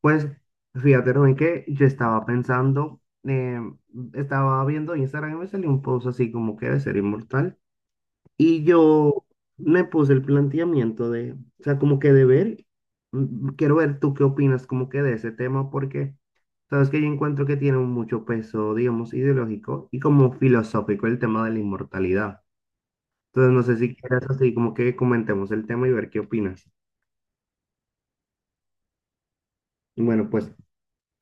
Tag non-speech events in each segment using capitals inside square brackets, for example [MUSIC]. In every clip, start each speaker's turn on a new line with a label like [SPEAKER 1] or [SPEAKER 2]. [SPEAKER 1] Pues fíjate, Rubén, que yo estaba pensando, estaba viendo Instagram y me salió un post así como que de ser inmortal. Y yo me puse el planteamiento de, o sea, como que de ver, quiero ver tú qué opinas como que de ese tema, porque sabes que yo encuentro que tiene mucho peso, digamos, ideológico y como filosófico el tema de la inmortalidad. Entonces, no sé si quieres así como que comentemos el tema y ver qué opinas. Bueno, pues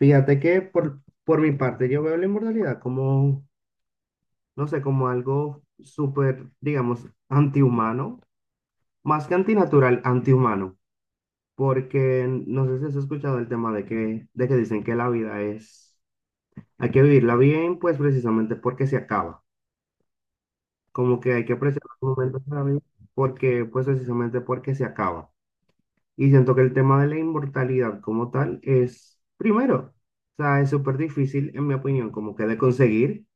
[SPEAKER 1] fíjate que por mi parte yo veo la inmortalidad como, no sé, como algo súper, digamos, antihumano, más que antinatural, antihumano, porque no sé si has escuchado el tema de que dicen que la vida es, hay que vivirla bien, pues precisamente porque se acaba, como que hay que apreciar los momentos de la vida, porque, pues precisamente porque se acaba. Y siento que el tema de la inmortalidad como tal es, primero, o sea, es súper difícil, en mi opinión, como que de conseguir,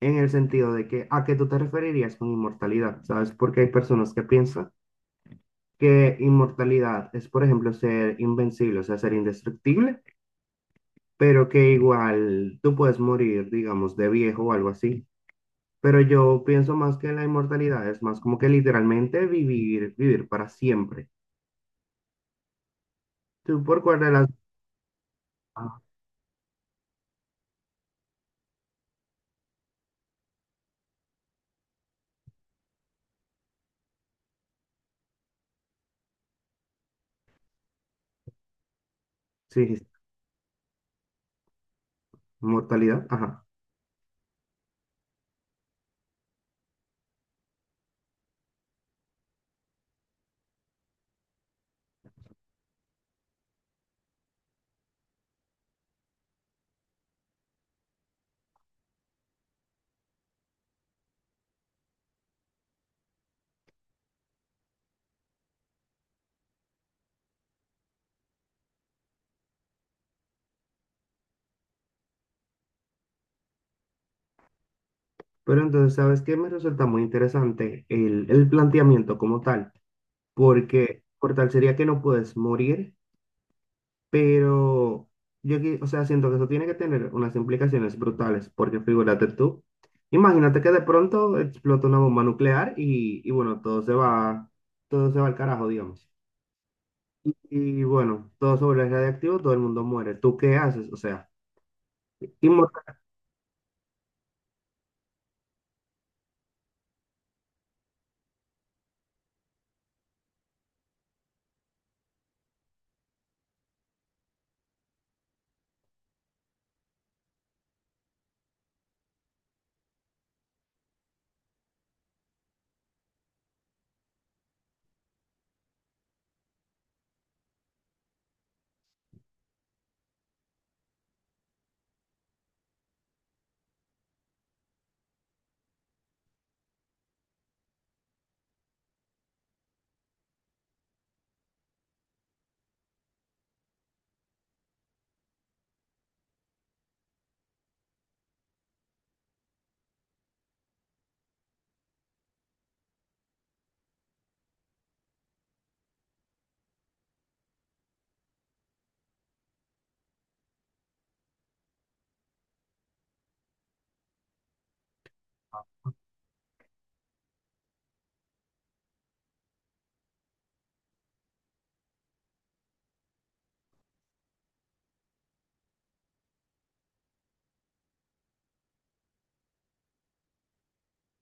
[SPEAKER 1] en el sentido de que a qué tú te referirías con inmortalidad, ¿sabes? Porque hay personas que piensan que inmortalidad es, por ejemplo, ser invencible, o sea, ser indestructible, pero que igual tú puedes morir, digamos, de viejo o algo así. Pero yo pienso más que la inmortalidad es más como que literalmente vivir para siempre. ¿Tú por cuál de las... ah, sí, sí, inmortalidad, ajá. Pero entonces, ¿sabes qué? Me resulta muy interesante el planteamiento como tal, porque por tal sería que no puedes morir. Pero yo, o sea, siento que eso tiene que tener unas implicaciones brutales, porque figúrate tú, imagínate que de pronto explota una bomba nuclear y bueno, todo se va al carajo, digamos. Bueno, todo se vuelve radiactivo, todo el mundo muere. ¿Tú qué haces? O sea, inmortal.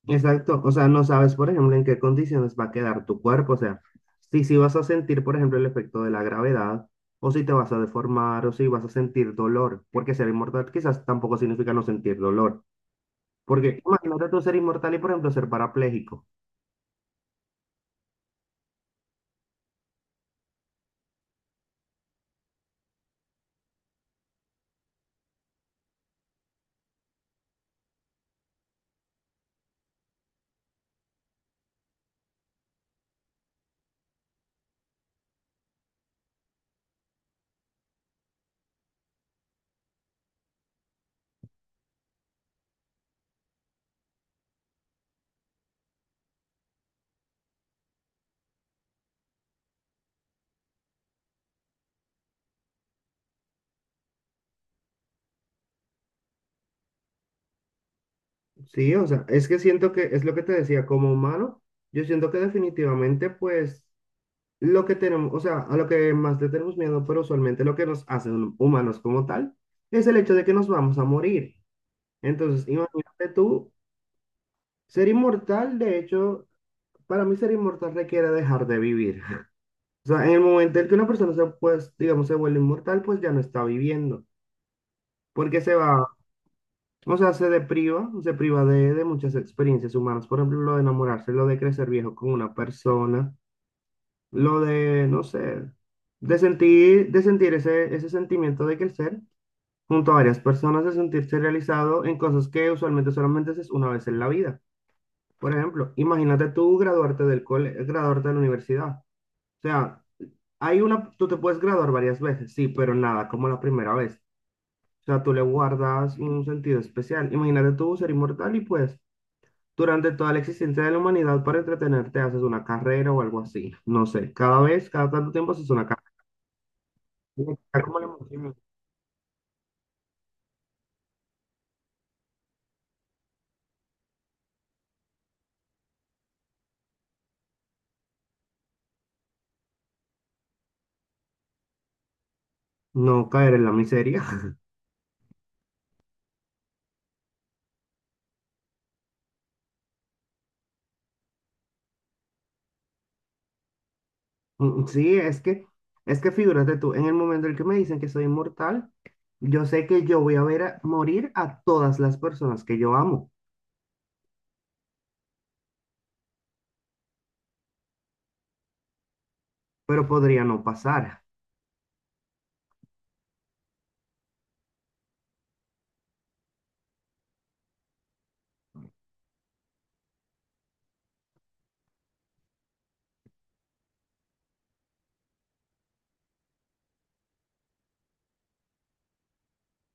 [SPEAKER 1] Exacto. O sea, no sabes, por ejemplo, en qué condiciones va a quedar tu cuerpo. O sea, si vas a sentir, por ejemplo, el efecto de la gravedad, o si te vas a deformar, o si vas a sentir dolor, porque ser inmortal quizás tampoco significa no sentir dolor. Porque imagínate tú ser inmortal y, por ejemplo, ser parapléjico. Sí, o sea, es que siento que es lo que te decía, como humano, yo siento que definitivamente, pues, lo que tenemos, o sea, a lo que más le tenemos miedo, pero usualmente lo que nos hace humanos como tal, es el hecho de que nos vamos a morir. Entonces, imagínate tú ser inmortal, de hecho, para mí ser inmortal requiere dejar de vivir. [LAUGHS] O sea, en el momento en que una persona se, pues, digamos, se vuelve inmortal, pues ya no está viviendo, porque se va. O sea, se depriva, se priva de muchas experiencias humanas. Por ejemplo, lo de enamorarse, lo de crecer viejo con una persona, lo de, no sé, de sentir ese, ese sentimiento de crecer junto a varias personas, de sentirse realizado en cosas que usualmente solamente haces una vez en la vida. Por ejemplo, imagínate tú graduarte del cole, graduarte de la universidad. O sea, hay una, tú te puedes graduar varias veces, sí, pero nada, como la primera vez. O sea, tú le guardas un sentido especial. Imagínate tú ser inmortal y pues durante toda la existencia de la humanidad, para entretenerte, haces una carrera o algo así. No sé, cada vez, cada tanto tiempo haces una carrera. Tiene que estar como la emoción. No caer en la miseria. [LAUGHS] Sí, es que figúrate tú, en el momento en el que me dicen que soy inmortal, yo sé que yo voy a ver morir a todas las personas que yo amo, pero podría no pasar.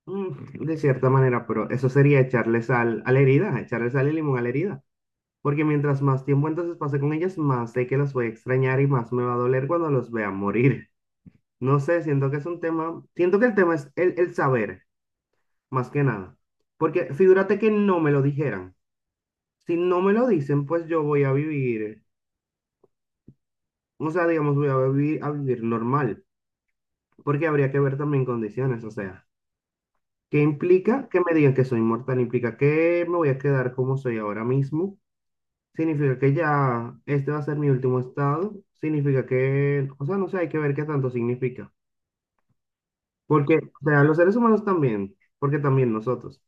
[SPEAKER 1] De cierta manera, pero eso sería echarle sal a la herida, echarle sal y limón a la herida. Porque mientras más tiempo entonces pase con ellas, más sé que las voy a extrañar y más me va a doler cuando los vea morir. No sé, siento que es un tema, siento que el tema es el saber, más que nada. Porque figúrate que no me lo dijeran. Si no me lo dicen, pues yo voy a vivir, o sea, digamos, voy a vivir normal, porque habría que ver también condiciones, o sea, ¿qué implica que me digan que soy inmortal? ¿Implica que me voy a quedar como soy ahora mismo? Significa que ya este va a ser mi último estado, significa que, o sea, no sé, hay que ver qué tanto significa. Porque, o sea, los seres humanos también, porque también nosotros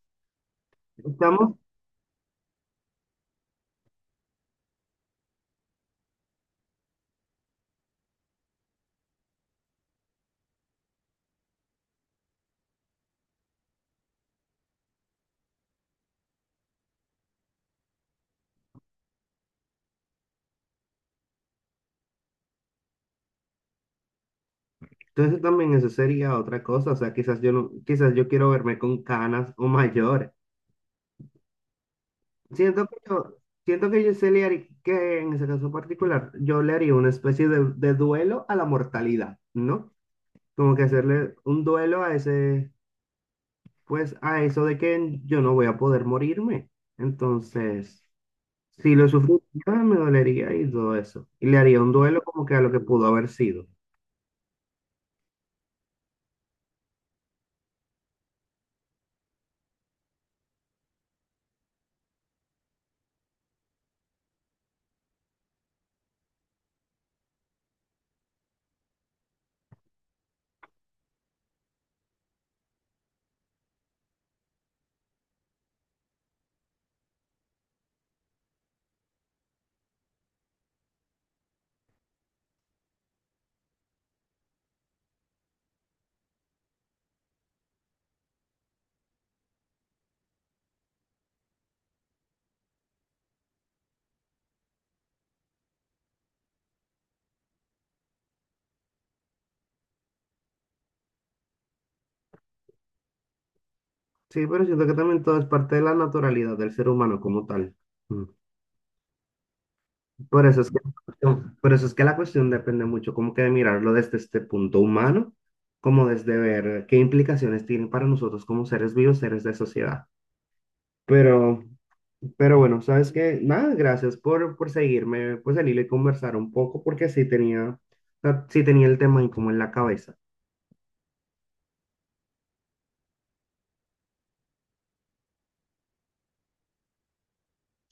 [SPEAKER 1] estamos, entonces también eso sería otra cosa, o sea, quizás yo no, quizás yo quiero verme con canas o mayor. Siento que yo, siento que yo se le haría, que en ese caso particular, yo le haría una especie de duelo a la mortalidad, ¿no? Como que hacerle un duelo a ese, pues a eso de que yo no voy a poder morirme. Entonces, si lo sufriera, me dolería y todo eso. Y le haría un duelo como que a lo que pudo haber sido. Sí, pero siento que también todo es parte de la naturalidad del ser humano como tal. Mm. Por eso es que, por eso es que la cuestión depende mucho como que de mirarlo desde este punto humano, como desde ver qué implicaciones tienen para nosotros como seres vivos, seres de sociedad. Pero Pero bueno, sabes que nada, gracias por seguirme, pues salir y conversar un poco, porque sí tenía, o sea, sí tenía el tema ahí como en la cabeza.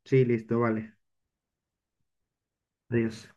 [SPEAKER 1] Sí, listo, vale. Adiós.